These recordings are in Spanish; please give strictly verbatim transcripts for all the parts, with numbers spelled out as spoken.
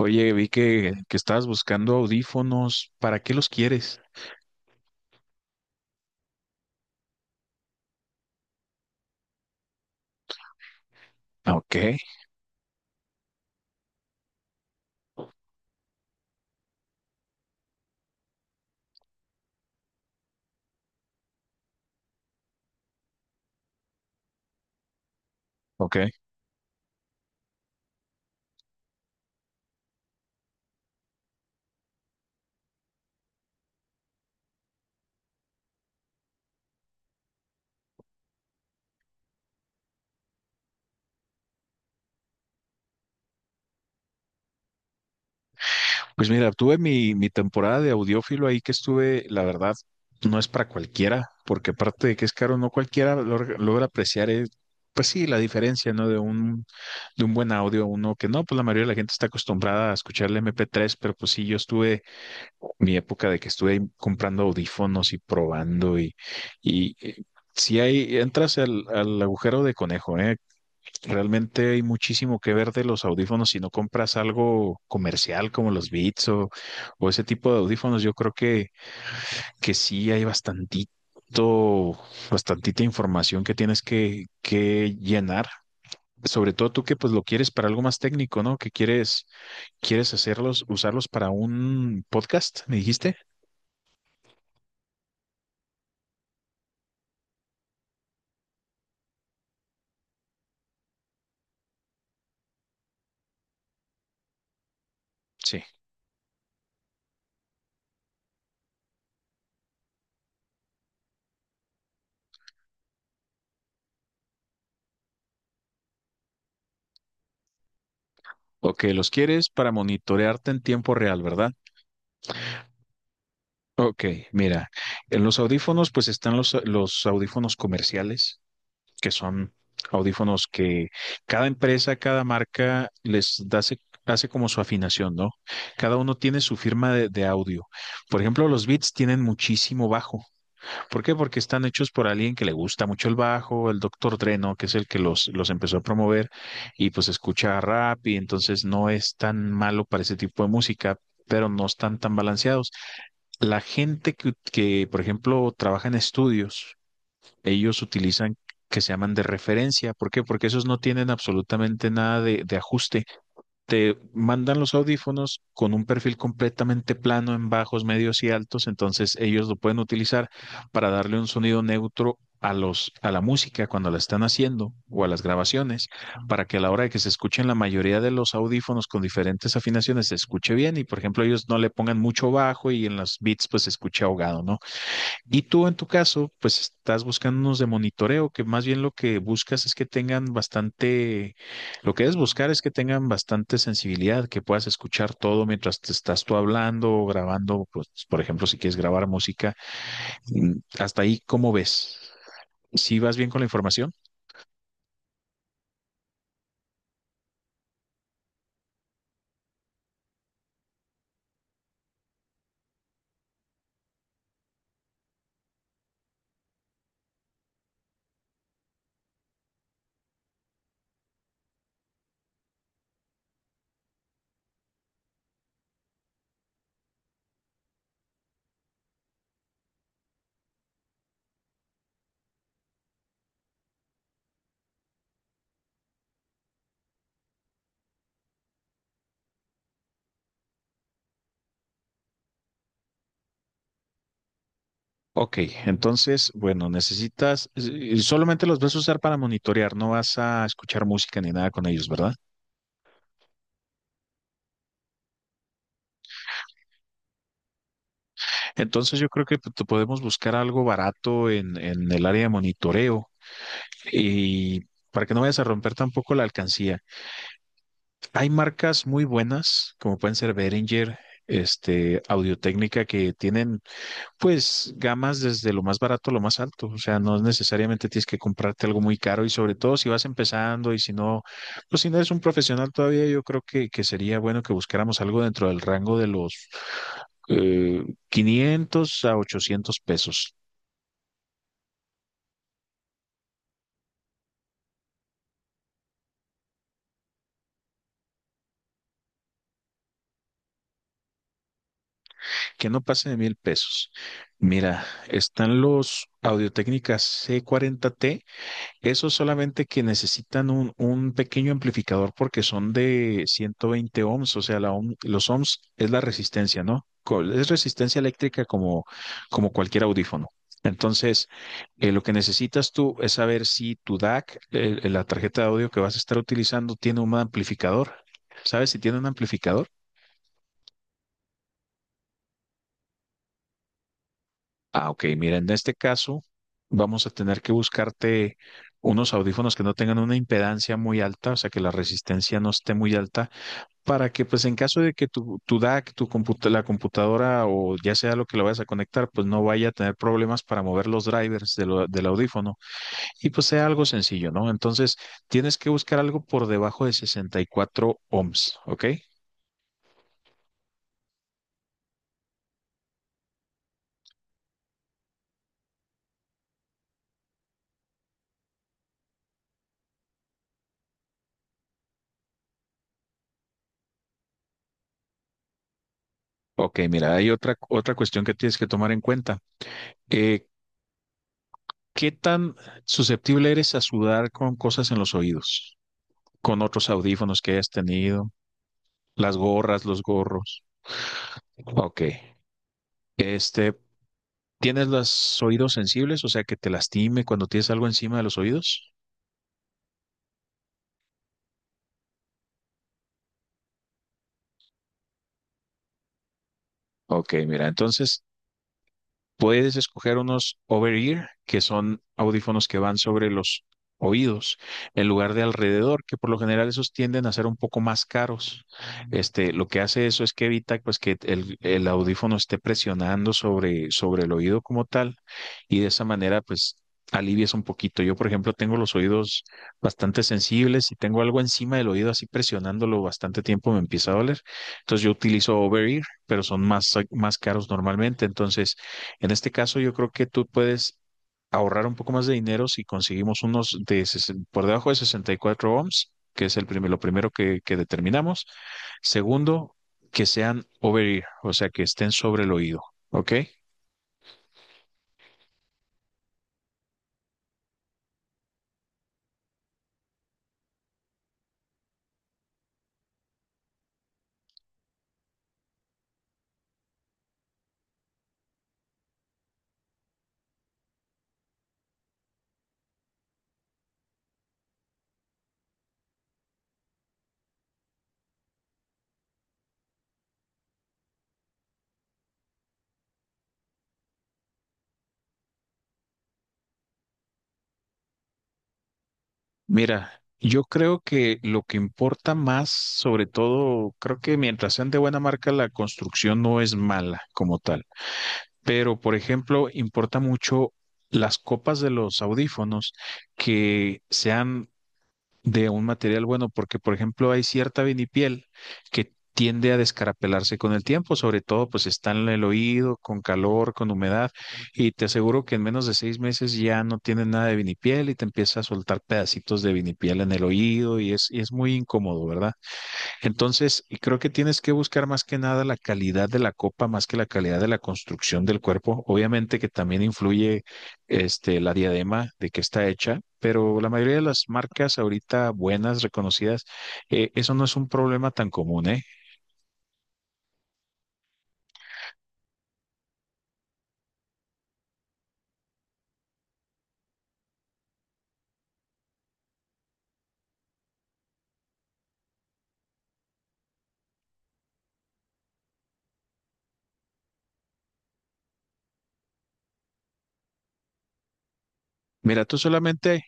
Oye, vi que, que estabas buscando audífonos. ¿Para qué los quieres? Ah, Ok, ok. Pues mira, tuve mi, mi temporada de audiófilo ahí que estuve, la verdad, no es para cualquiera, porque aparte de que es caro, no cualquiera lor- logra apreciar, eh, pues sí, la diferencia, ¿no? De un, de un buen audio a uno que no, pues la mayoría de la gente está acostumbrada a escuchar el m p tres, pero pues sí, yo estuve mi época de que estuve comprando audífonos y probando y, y eh, si hay, entras al, al agujero de conejo, ¿eh? Realmente hay muchísimo que ver de los audífonos. Si no compras algo comercial como los Beats o, o ese tipo de audífonos, yo creo que, que sí hay bastantito, bastantita información que tienes que, que llenar. Sobre todo tú que pues lo quieres para algo más técnico, ¿no? Que quieres, quieres hacerlos, usarlos para un podcast, ¿me dijiste? Sí. Ok, los quieres para monitorearte en tiempo real, ¿verdad? Ok, mira, en los audífonos pues están los, los audífonos comerciales que son audífonos que cada empresa, cada marca les da, se- hace como su afinación, ¿no? Cada uno tiene su firma de, de audio. Por ejemplo, los Beats tienen muchísimo bajo. ¿Por qué? Porque están hechos por alguien que le gusta mucho el bajo, el doctor Dreno, que es el que los, los empezó a promover, y pues escucha rap y entonces no es tan malo para ese tipo de música, pero no están tan balanceados. La gente que, que, por ejemplo, trabaja en estudios, ellos utilizan que se llaman de referencia. ¿Por qué? Porque esos no tienen absolutamente nada de, de ajuste. Te mandan los audífonos con un perfil completamente plano en bajos, medios y altos, entonces ellos lo pueden utilizar para darle un sonido neutro a los, a la música cuando la están haciendo o a las grabaciones, para que a la hora de que se escuchen la mayoría de los audífonos con diferentes afinaciones se escuche bien y, por ejemplo, ellos no le pongan mucho bajo y en los beats pues se escuche ahogado, ¿no? Y tú en tu caso, pues estás buscando unos de monitoreo, que más bien lo que buscas es que tengan bastante, lo que debes buscar es que tengan bastante sensibilidad, que puedas escuchar todo mientras te estás tú hablando o grabando, pues, por ejemplo, si quieres grabar música. Mm, hasta ahí, ¿cómo ves? ¿Sí vas bien con la información? Ok, entonces, bueno, necesitas, eh, eh, solamente los vas a usar para monitorear, no vas a escuchar música ni nada con ellos, ¿verdad? Entonces yo creo que p- te podemos buscar algo barato en, en el área de monitoreo y para que no vayas a romper tampoco la alcancía. Hay marcas muy buenas, como pueden ser Behringer, este, Audio-Técnica, que tienen pues gamas desde lo más barato a lo más alto. O sea, no necesariamente tienes que comprarte algo muy caro y sobre todo si vas empezando y si no, pues si no eres un profesional todavía, yo creo que, que sería bueno que buscáramos algo dentro del rango de los eh, quinientos a ochocientos pesos. Que no pase de mil pesos. Mira, están los Audio-Técnicas C cuarenta T, esos solamente que necesitan un, un pequeño amplificador porque son de ciento veinte ohms, o sea, la ohm- los ohms es la resistencia, ¿no? Co- Es resistencia eléctrica como, como cualquier audífono. Entonces, eh, lo que necesitas tú es saber si tu DAC, eh, la tarjeta de audio que vas a estar utilizando, tiene un amplificador. ¿Sabes si tiene un amplificador? Ah, ok. Mira, en este caso vamos a tener que buscarte unos audífonos que no tengan una impedancia muy alta, o sea, que la resistencia no esté muy alta, para que pues en caso de que tu, tu DAC, tu computa- la computadora o ya sea lo que lo vayas a conectar, pues no vaya a tener problemas para mover los drivers de lo- del audífono y pues sea algo sencillo, ¿no? Entonces tienes que buscar algo por debajo de sesenta y cuatro ohms, ¿ok? Ok, mira, hay otra, otra cuestión que tienes que tomar en cuenta. Eh, ¿Qué tan susceptible eres a sudar con cosas en los oídos? Con otros audífonos que hayas tenido, las gorras, los gorros. Ok. Este, ¿tienes los oídos sensibles? O sea, que te lastime cuando tienes algo encima de los oídos. Ok, mira, entonces puedes escoger unos over-ear, que son audífonos que van sobre los oídos, en lugar de alrededor, que por lo general esos tienden a ser un poco más caros. Este, lo que hace eso es que evita pues que el, el audífono esté presionando sobre, sobre el oído como tal, y de esa manera pues alivias un poquito. Yo, por ejemplo, tengo los oídos bastante sensibles y tengo algo encima del oído así presionándolo bastante tiempo me empieza a doler. Entonces yo utilizo over-ear, pero son más, más caros normalmente. Entonces, en este caso, yo creo que tú puedes ahorrar un poco más de dinero si conseguimos unos de sesen- por debajo de sesenta y cuatro ohms, que es el primer- lo primero que, que determinamos. Segundo, que sean over ear, o sea, que estén sobre el oído. ¿Ok? Mira, yo creo que lo que importa más, sobre todo, creo que mientras sean de buena marca, la construcción no es mala como tal. Pero, por ejemplo, importa mucho las copas de los audífonos que sean de un material bueno, porque por ejemplo hay cierta vinipiel que tiende a descarapelarse con el tiempo, sobre todo pues está en el oído, con calor, con humedad, y te aseguro que en menos de seis meses ya no tienes nada de vinipiel y te empieza a soltar pedacitos de vinipiel en el oído y es, y es muy incómodo, ¿verdad? Entonces, y creo que tienes que buscar más que nada la calidad de la copa, más que la calidad de la construcción del cuerpo. Obviamente que también influye este, la diadema de que está hecha, pero la mayoría de las marcas ahorita buenas, reconocidas, eh, eso no es un problema tan común, ¿eh? Mira, tú solamente,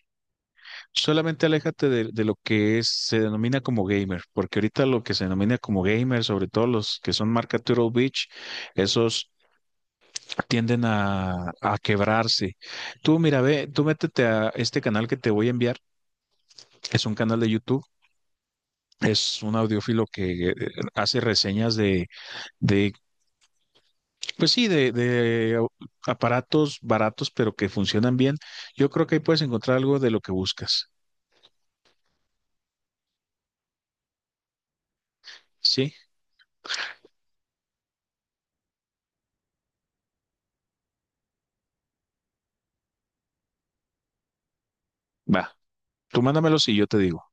solamente aléjate de, de lo que es, se denomina como gamer, porque ahorita lo que se denomina como gamer, sobre todo los que son marca Turtle Beach, esos tienden a, a quebrarse. Tú, mira, ve, tú métete a este canal que te voy a enviar. Es un canal de YouTube. Es un audiófilo que eh, hace reseñas de, de pues sí, de, de au- aparatos baratos, pero que funcionan bien. Yo creo que ahí puedes encontrar algo de lo que buscas. ¿Sí? Va. Tú mándamelo y yo te digo.